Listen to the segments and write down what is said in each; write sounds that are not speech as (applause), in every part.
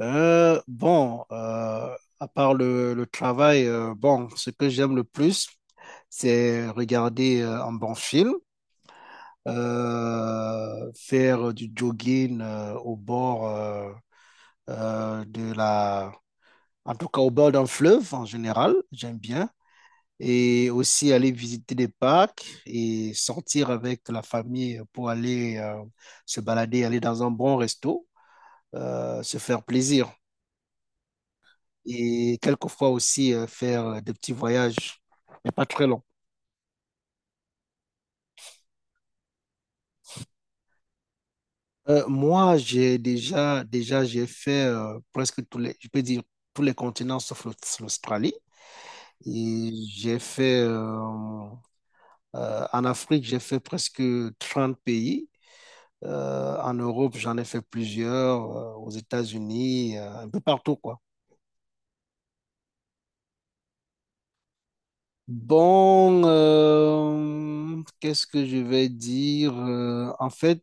À part le travail, ce que j'aime le plus, c'est regarder un bon film, faire du jogging au bord euh, de la, en tout cas au bord d'un fleuve en général, j'aime bien, et aussi aller visiter des parcs et sortir avec la famille pour aller se balader, aller dans un bon resto, se faire plaisir. Et quelquefois aussi faire des petits voyages, mais pas très longs. Moi, j'ai déjà, j'ai fait presque tous les, je peux dire, tous les continents sauf l'Australie. Et j'ai fait, en Afrique, j'ai fait presque 30 pays. En Europe, j'en ai fait plusieurs, aux États-Unis, un peu partout, quoi. Bon, qu'est-ce que je vais dire? En fait,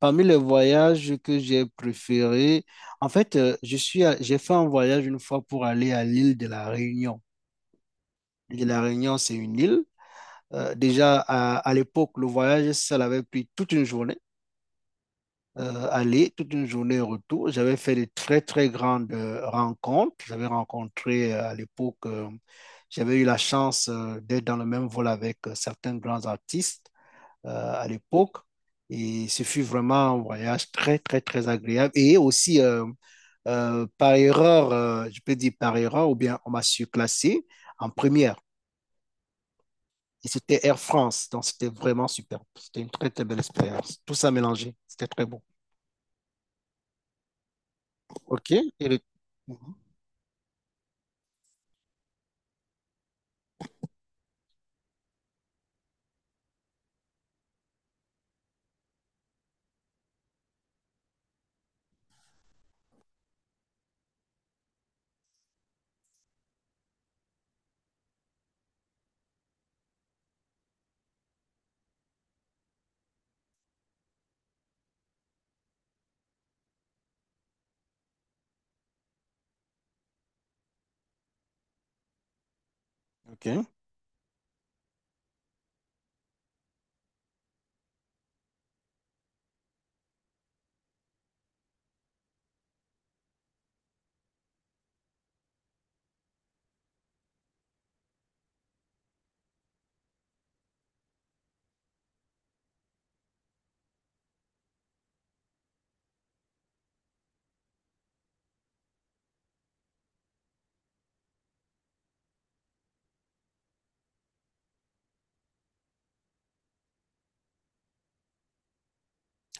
parmi les voyages que j'ai préférés, en fait, j'ai fait un voyage une fois pour aller à l'île de la Réunion. L'île de la Réunion, c'est une île. Déjà, à l'époque, le voyage, ça avait pris toute une journée, aller, toute une journée retour. J'avais fait de très, très grandes rencontres. J'avais rencontré à l'époque, j'avais eu la chance d'être dans le même vol avec certains grands artistes euh, à l'époque. Et ce fut vraiment un voyage très, très, très agréable. Et aussi, par erreur, je peux dire par erreur, ou bien on m'a surclassé en première. Et c'était Air France. Donc, c'était vraiment super. C'était une très, très belle expérience. Tout ça mélangé. C'était très bon. OK. OK.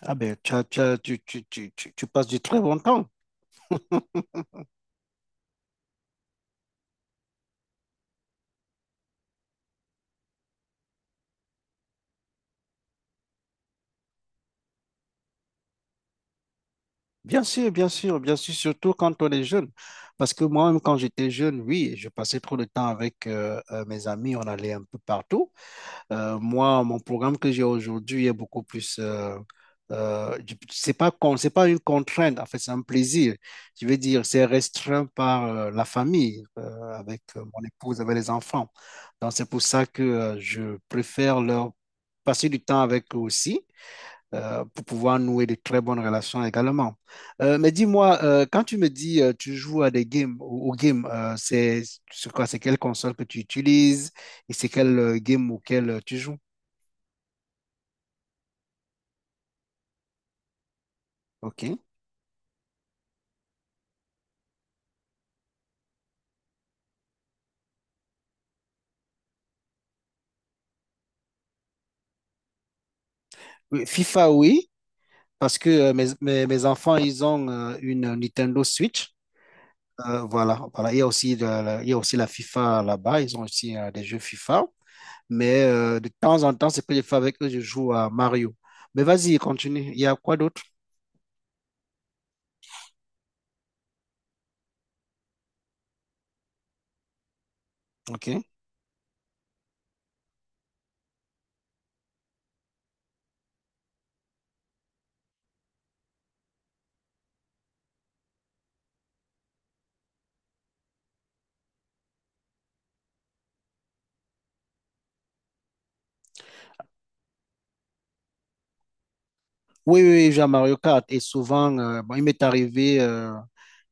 Ah ben, tu, as- tu as- tu, tu, tu, tu tu passes du très bon temps. (laughs) Bien sûr, bien sûr, bien sûr, surtout quand on est jeune. Parce que moi-même, quand j'étais jeune, oui, je passais trop de temps avec mes amis, on allait un peu partout. Moi, mon programme que j'ai aujourd'hui est beaucoup plus c'est pas, con- c'est pas une contrainte, en fait, c'est un plaisir. Je veux dire, c'est restreint par la famille, avec mon épouse, avec les enfants. Donc, c'est pour ça que je préfère leur passer du temps avec eux aussi pour pouvoir nouer de très bonnes relations également. Mais dis-moi, quand tu me dis tu joues à des games, au game, c'est quoi, c'est quelle console que tu utilises et c'est quel game auquel tu joues? Ok. Oui, FIFA, oui, parce que mes enfants, ils ont une Nintendo Switch. Voilà, voilà. Il y a aussi il y a aussi la FIFA là-bas. Ils ont aussi des jeux FIFA. Mais de temps en temps, c'est que je fais avec eux, je joue à Mario. Mais vas-y, continue. Il y a quoi d'autre? Ok. Oui, oui, oui, je joue à Mario Kart et souvent, bon, il m'est arrivé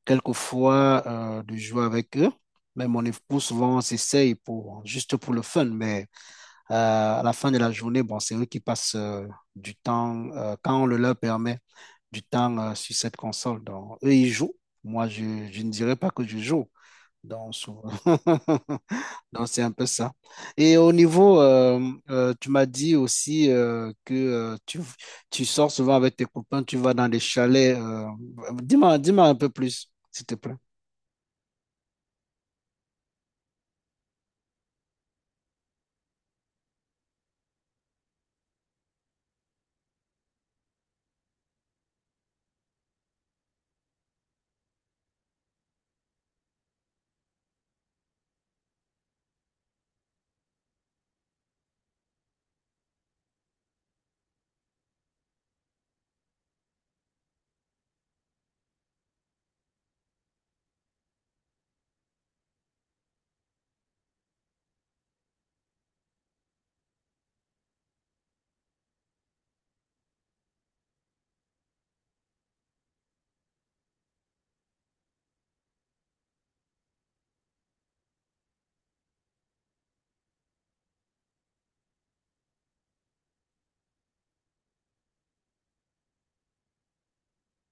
quelquefois de jouer avec eux, mais mon époux, souvent, on s'essaye pour, juste pour le fun, mais à la fin de la journée, bon, c'est eux qui passent du temps, quand on le leur permet, du temps sur cette console. Donc, eux, ils jouent. Moi, je, je ne dirais pas que je joue. Donc, souvent. (laughs) Donc, c'est un peu ça. Et au niveau, tu m'as dit aussi que tu sors souvent avec tes copains, tu vas dans les chalets. Dis-moi dis-moi, un peu plus, s'il te plaît.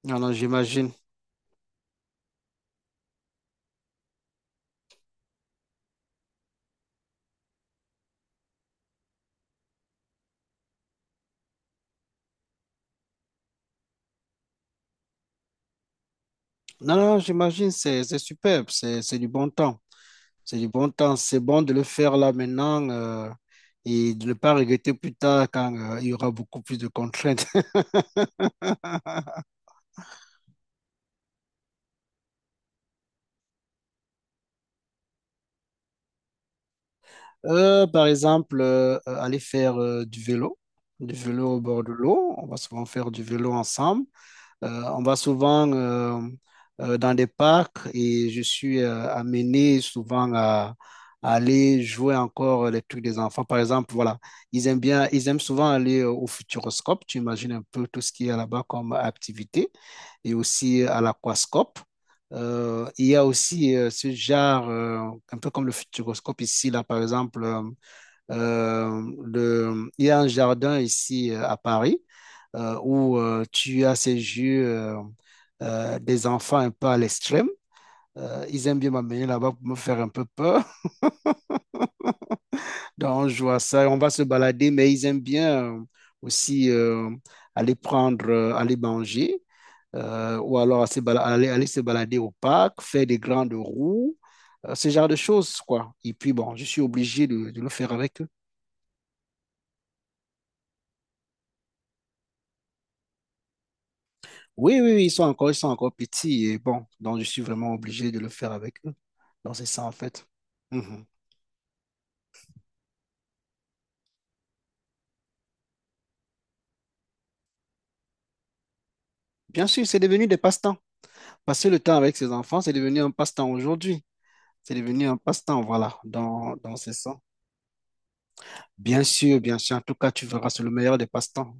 Non, non, j'imagine. Non, non, j'imagine, c'est superbe, c'est du bon temps. C'est du bon temps, c'est bon de le faire là maintenant et de ne pas regretter plus tard quand il y aura beaucoup plus de contraintes. (laughs) Par exemple, aller faire du vélo au bord de l'eau. On va souvent faire du vélo ensemble. On va souvent dans des parcs et je suis amené souvent à aller jouer encore les trucs des enfants. Par exemple, voilà, ils aiment bien, ils aiment souvent aller au Futuroscope. Tu imagines un peu tout ce qu'il y a là-bas comme activité et aussi à l'aquascope. Il y a aussi ce genre, un peu comme le Futuroscope ici, là, par exemple, il y a un jardin ici à Paris où tu as ces jeux des enfants un peu à l'extrême. Ils aiment bien m'amener là-bas pour me faire un peu peur. (laughs) Donc, on joue à ça, on va se balader, mais ils aiment bien aussi aller prendre, aller manger, ou alors aller, aller se balader au parc, faire des grandes roues, ce genre de choses, quoi. Et puis, bon, je suis obligé de le faire avec eux. Oui, oui, oui, ils sont encore petits et bon, donc je suis vraiment obligé de le faire avec eux. Donc c'est ça en fait. Mhm. Bien sûr, c'est devenu des passe-temps. Passer le temps avec ses enfants, c'est devenu un passe-temps aujourd'hui. C'est devenu un passe-temps, voilà, dans ce sens. Bien sûr, bien sûr. En tout cas, tu verras, c'est le meilleur des passe-temps.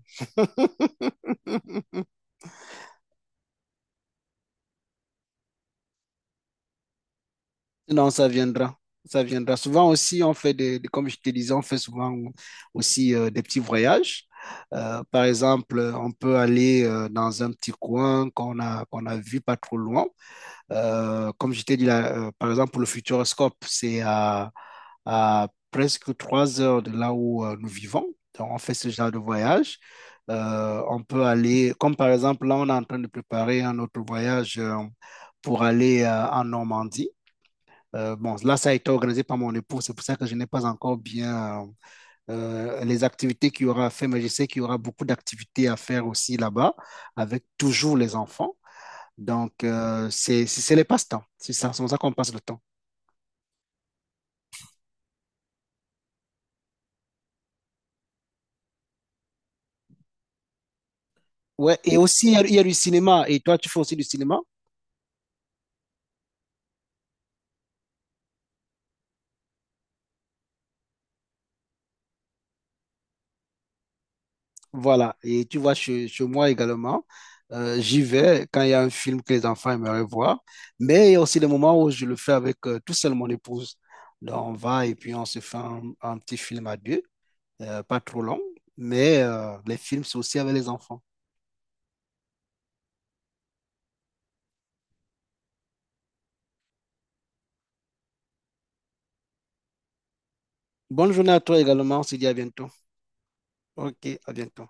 Non, ça viendra. Ça viendra. Souvent aussi, on fait comme je te disais, on fait souvent aussi des petits voyages. Par exemple, on peut aller dans un petit coin qu'on a vu pas trop loin. Comme je t'ai dit, là, par exemple, pour le Futuroscope, c'est à presque 3 heures de là où nous vivons. Donc, on fait ce genre de voyage. On peut aller, comme par exemple, là, on est en train de préparer un autre voyage pour aller en Normandie. Bon, là, ça a été organisé par mon époux, c'est pour ça que je n'ai pas encore bien les activités qu'il y aura à faire, mais je sais qu'il y aura beaucoup d'activités à faire aussi là-bas, avec toujours les enfants. Donc, c'est c'est les passe-temps. C'est ça, c'est comme ça qu'on passe le temps. Ouais, et aussi, il y a du cinéma. Et toi, tu fais aussi du cinéma. Voilà. Et tu vois, chez moi également, j'y vais quand il y a un film que les enfants aimeraient voir. Mais il y a aussi des moments où je le fais avec tout seul mon épouse. Donc, on va et puis on se fait un petit film à deux, pas trop long. Mais les films, c'est aussi avec les enfants. Bonne journée à toi également. On se dit à bientôt. OK, à bientôt.